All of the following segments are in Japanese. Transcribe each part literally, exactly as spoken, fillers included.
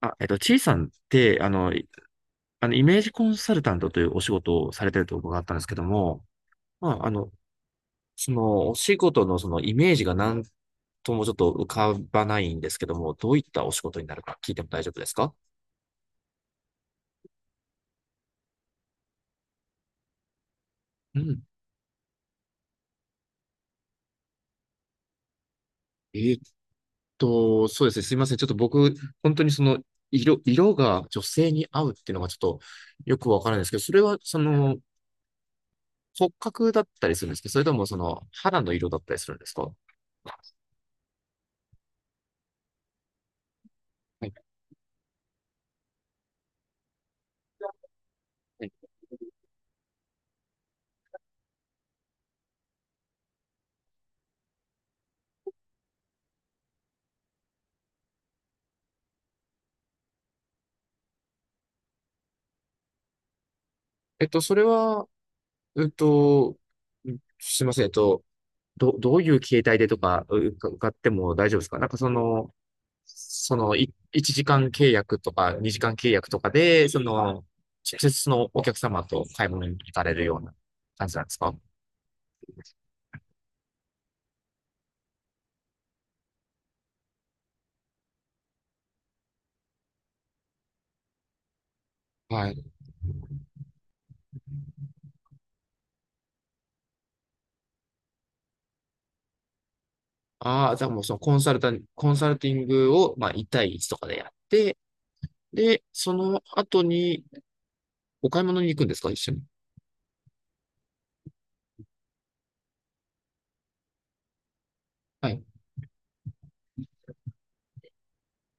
あ、えっと、ちいさんって、あの、いあの、イメージコンサルタントというお仕事をされてると伺ったんですけども、まあ、あの、その、お仕事のそのイメージがなんともちょっと浮かばないんですけども、どういったお仕事になるか聞いても大丈夫ですか？うん。えーっと、そうですね。すいません。ちょっと僕、本当にその、色、色が女性に合うっていうのがちょっとよくわからないんですけど、それは、その、骨格だったりするんですけど、それともその、肌の色だったりするんですか？はい。はい。えっと、それは、えっと、すいません。えっと、ど、どういう形態でとか、う、か伺っても大丈夫ですか？なんかその、その、い、いちじかん契約とか、にじかん契約とかで、その、直接そのお客様と買い物に行かれるような感じなんですか？はい。ああ、じゃあもうそのコンサルタン、コンサルティングを、まあ、いち対いちとかでやって、で、その後にお買い物に行くんですか、一緒に？はい。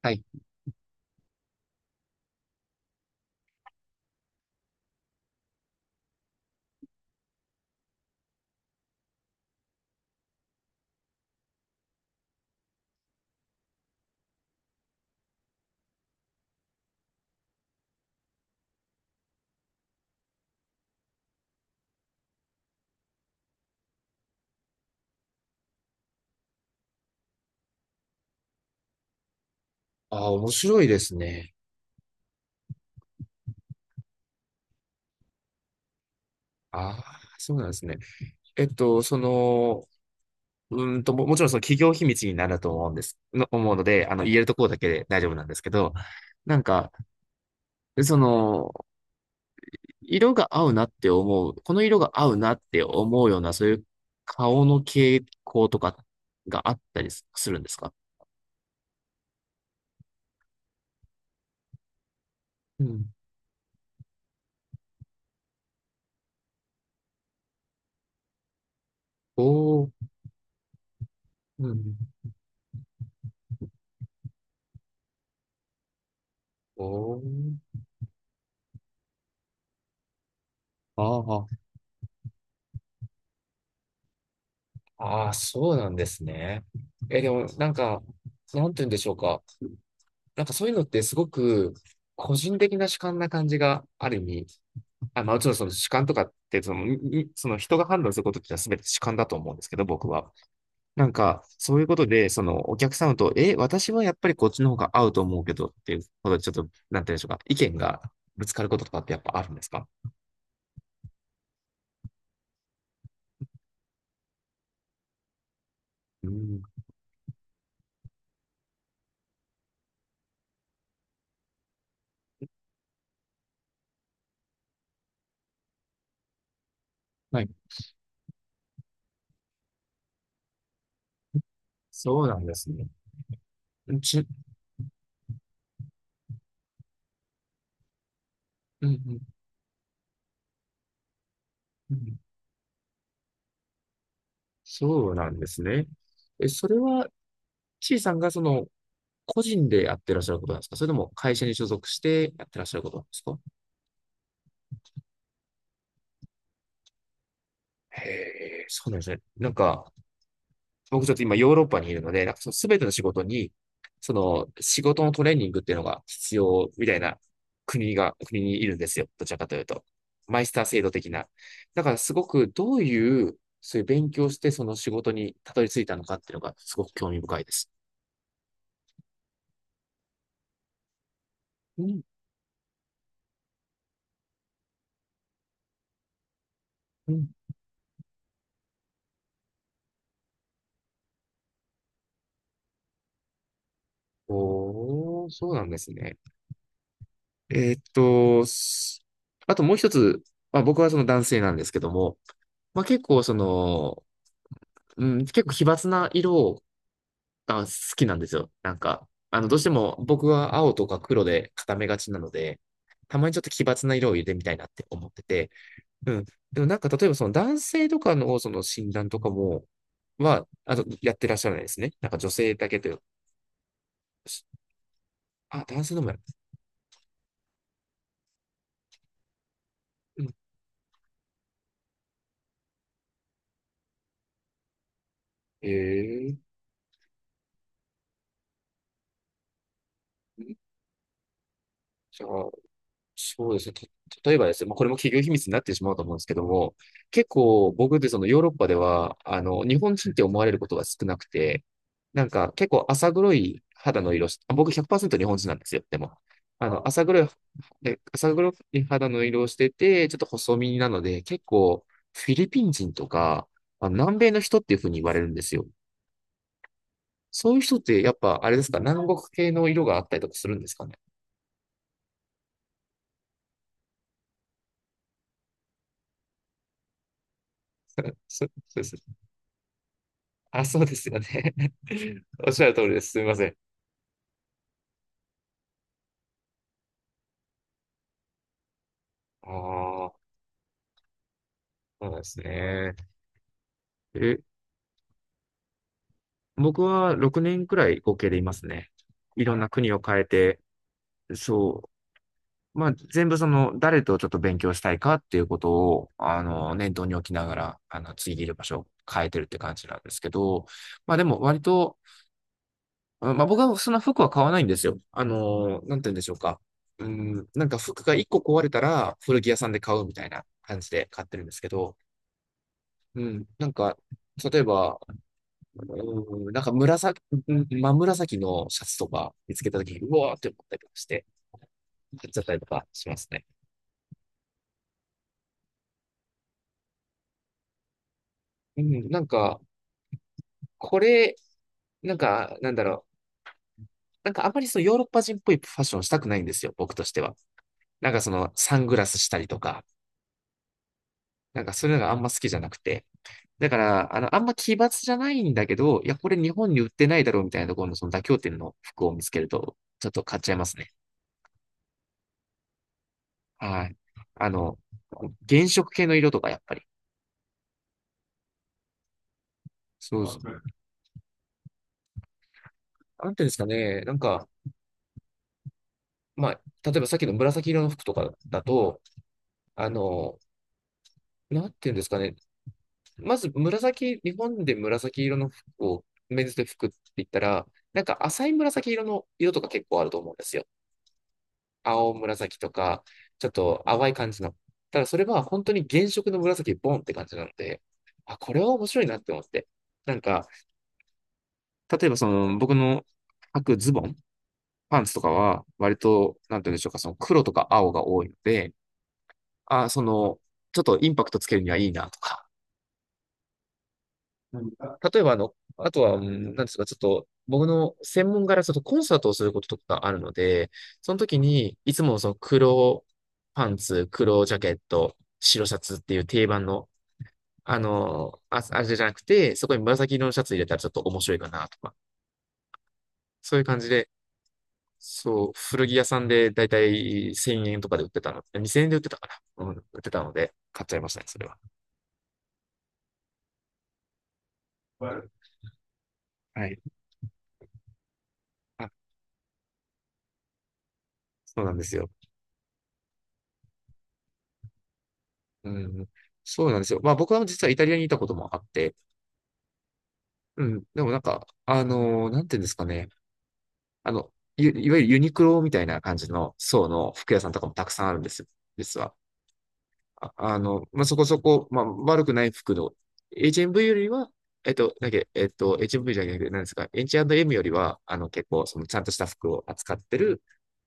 はい。ああ、面白いですね。ああ、そうなんですね。えっと、その、うーんと、も、もちろんその企業秘密になると思うんです、の、思うので、あの、言えるところだけで大丈夫なんですけど、なんか、その、色が合うなって思う、この色が合うなって思うような、そういう顔の傾向とかがあったりするんですか？うん。おー、うん。おー、ああああそうなんですね。え、でも、なんか、なんて言うんでしょうか。なんかそういうのってすごく個人的な主観な感じがある意味、あ、まあもちろんその主観とかってその、ににその人が判断することってのは全て主観だと思うんですけど、僕は。なんかそういうことで、そのお客様と、え、私はやっぱりこっちの方が合うと思うけどっていうことで、ちょっと、なんて言うんでしょうか、意見がぶつかることとかってやっぱあるんですか？うん。はい。そうなんですね。ち、うんうん、うん。そうなんですね。え、それは、ちいさんがその、個人でやってらっしゃることなんですか、それとも会社に所属してやってらっしゃることなんですか？へえ、そうなんですね。なんか、僕ちょっと今ヨーロッパにいるので、なんかその全ての仕事に、その仕事のトレーニングっていうのが必要みたいな国が、国にいるんですよ。どちらかというと。マイスター制度的な。だからすごくどういう、そういう勉強してその仕事にたどり着いたのかっていうのがすごく興味深いです。うん、うん。おー、そうなんですね。えーっと、すあともう一つ、まあ、僕はその男性なんですけども、まあ、結構その、うん、結構奇抜な色が好きなんですよ。なんか、あの、どうしても僕は青とか黒で固めがちなので、たまにちょっと奇抜な色を入れてみたいなって思ってて、うん。でもなんか例えばその男性とかのその診断とかも、は、あの、やってらっしゃらないですね。なんか女性だけという。あ、男性のもやる。うん。ええ、じゃあ、そうですね。た例えばですね、まあ、これも企業秘密になってしまうと思うんですけども、結構僕ってそのヨーロッパでは、あの、日本人って思われることが少なくて、なんか結構浅黒い肌の色し、あ、僕ひゃくパーセント日本人なんですよ、でも。あの、浅黒い、で浅黒い肌の色をしてて、ちょっと細身なので、結構フィリピン人とか、あの南米の人っていうふうに言われるんですよ。そういう人ってやっぱあれですか、南国系の色があったりとかするんですかね？そうそうですあ、そうですよね。おっしゃる通りです。すみません。ああ、そうなんですね。え、僕はろくねんくらい合計でいますね。いろんな国を変えて、そう。まあ、全部その、誰とちょっと勉強したいかっていうことを、あの、念頭に置きながら、あの、次いる場所を変えてるって感じなんですけど、まあでも割と、あまあ僕はそんな服は買わないんですよ。あの、なんて言うんでしょうか。うん、なんか服がいっこ壊れたら古着屋さんで買うみたいな感じで買ってるんですけど、うん。なんか、例えば、うん、なんか紫、うん、真紫のシャツとか見つけたときに、うわーって思ったりとかして、買っちゃったりとかしますね。うん。なんか、これ、なんか、なんだろう。なんかあんまりそのヨーロッパ人っぽいファッションしたくないんですよ、僕としては。なんかそのサングラスしたりとか、なんかそういうのがあんま好きじゃなくて。だから、あの、あんま奇抜じゃないんだけど、いや、これ日本に売ってないだろうみたいなところのその妥協点の服を見つけると、ちょっと買っちゃいますね。はい。あの、原色系の色とか、やっぱり。そうそうなんていうんですかね。なんか、まあ、例えばさっきの紫色の服とかだと、あの、なんていうんですかね。まず紫、日本で紫色の服を、メンズで服って言ったら、なんか浅い紫色の色とか結構あると思うんですよ。青紫とか、ちょっと淡い感じの。ただそれは本当に原色の紫ボンって感じなので、あ、これは面白いなって思って。なんか、例えばその、僕の履くズボン。パンツとかは、割と、なんて言うんでしょうか、その黒とか青が多いので、あー、その、ちょっとインパクトつけるにはいいなとか。うん、例えば、あの、あとは、うん、なんですか、ちょっと、僕の専門柄、ちょっとコンサートをすることとかあるので、その時に、いつもその黒パンツ、黒ジャケット、白シャツっていう定番の、あの、あ、あれじゃなくて、そこに紫色のシャツ入れたらちょっと面白いかなとか、そういう感じで、そう、古着屋さんでだいたいせんえんとかで売ってたの。にせんえんで売ってたかな。うん、売ってたので、買っちゃいましたね、それは。はい。あ、そうなんですよ。うん。そうなんですよ。まあ僕は実はイタリアにいたこともあって、うん。でもなんか、あのー、なんていうんですかね。あの、い、いわゆるユニクロみたいな感じの層の服屋さんとかもたくさんあるんですよ。実は。あ、あの、まあ、そこそこ、まあ、悪くない服の、エイチエムブイ よりは、えっと、だけ、えっと、エイチエムブイ じゃなくて、何ですか、エイチアンドエム よりは、あの、結構、その、ちゃんとした服を扱ってる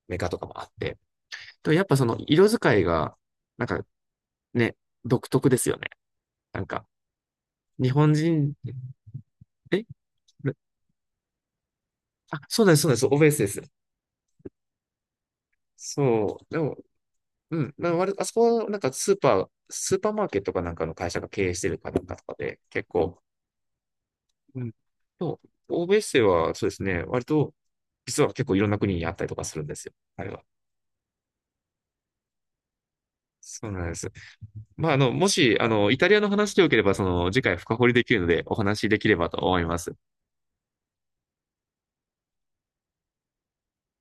メーカーとかもあって、と、やっぱその、色使いが、なんかね、独特ですよね。なんか、日本人、えあ、そうなんです、そうなんです、オベースです。そう、でも、うん、なんか割とあそこは、なんか、スーパー、スーパーマーケットかなんかの会社が経営してるかなんかとかで、結構、うん。と、欧米生はそうですね、割と、実は結構いろんな国にあったりとかするんですよ、あれは。そうなんです。まあ、あの、もし、あの、イタリアの話でよければ、その、次回深掘りできるので、お話しできればと思います。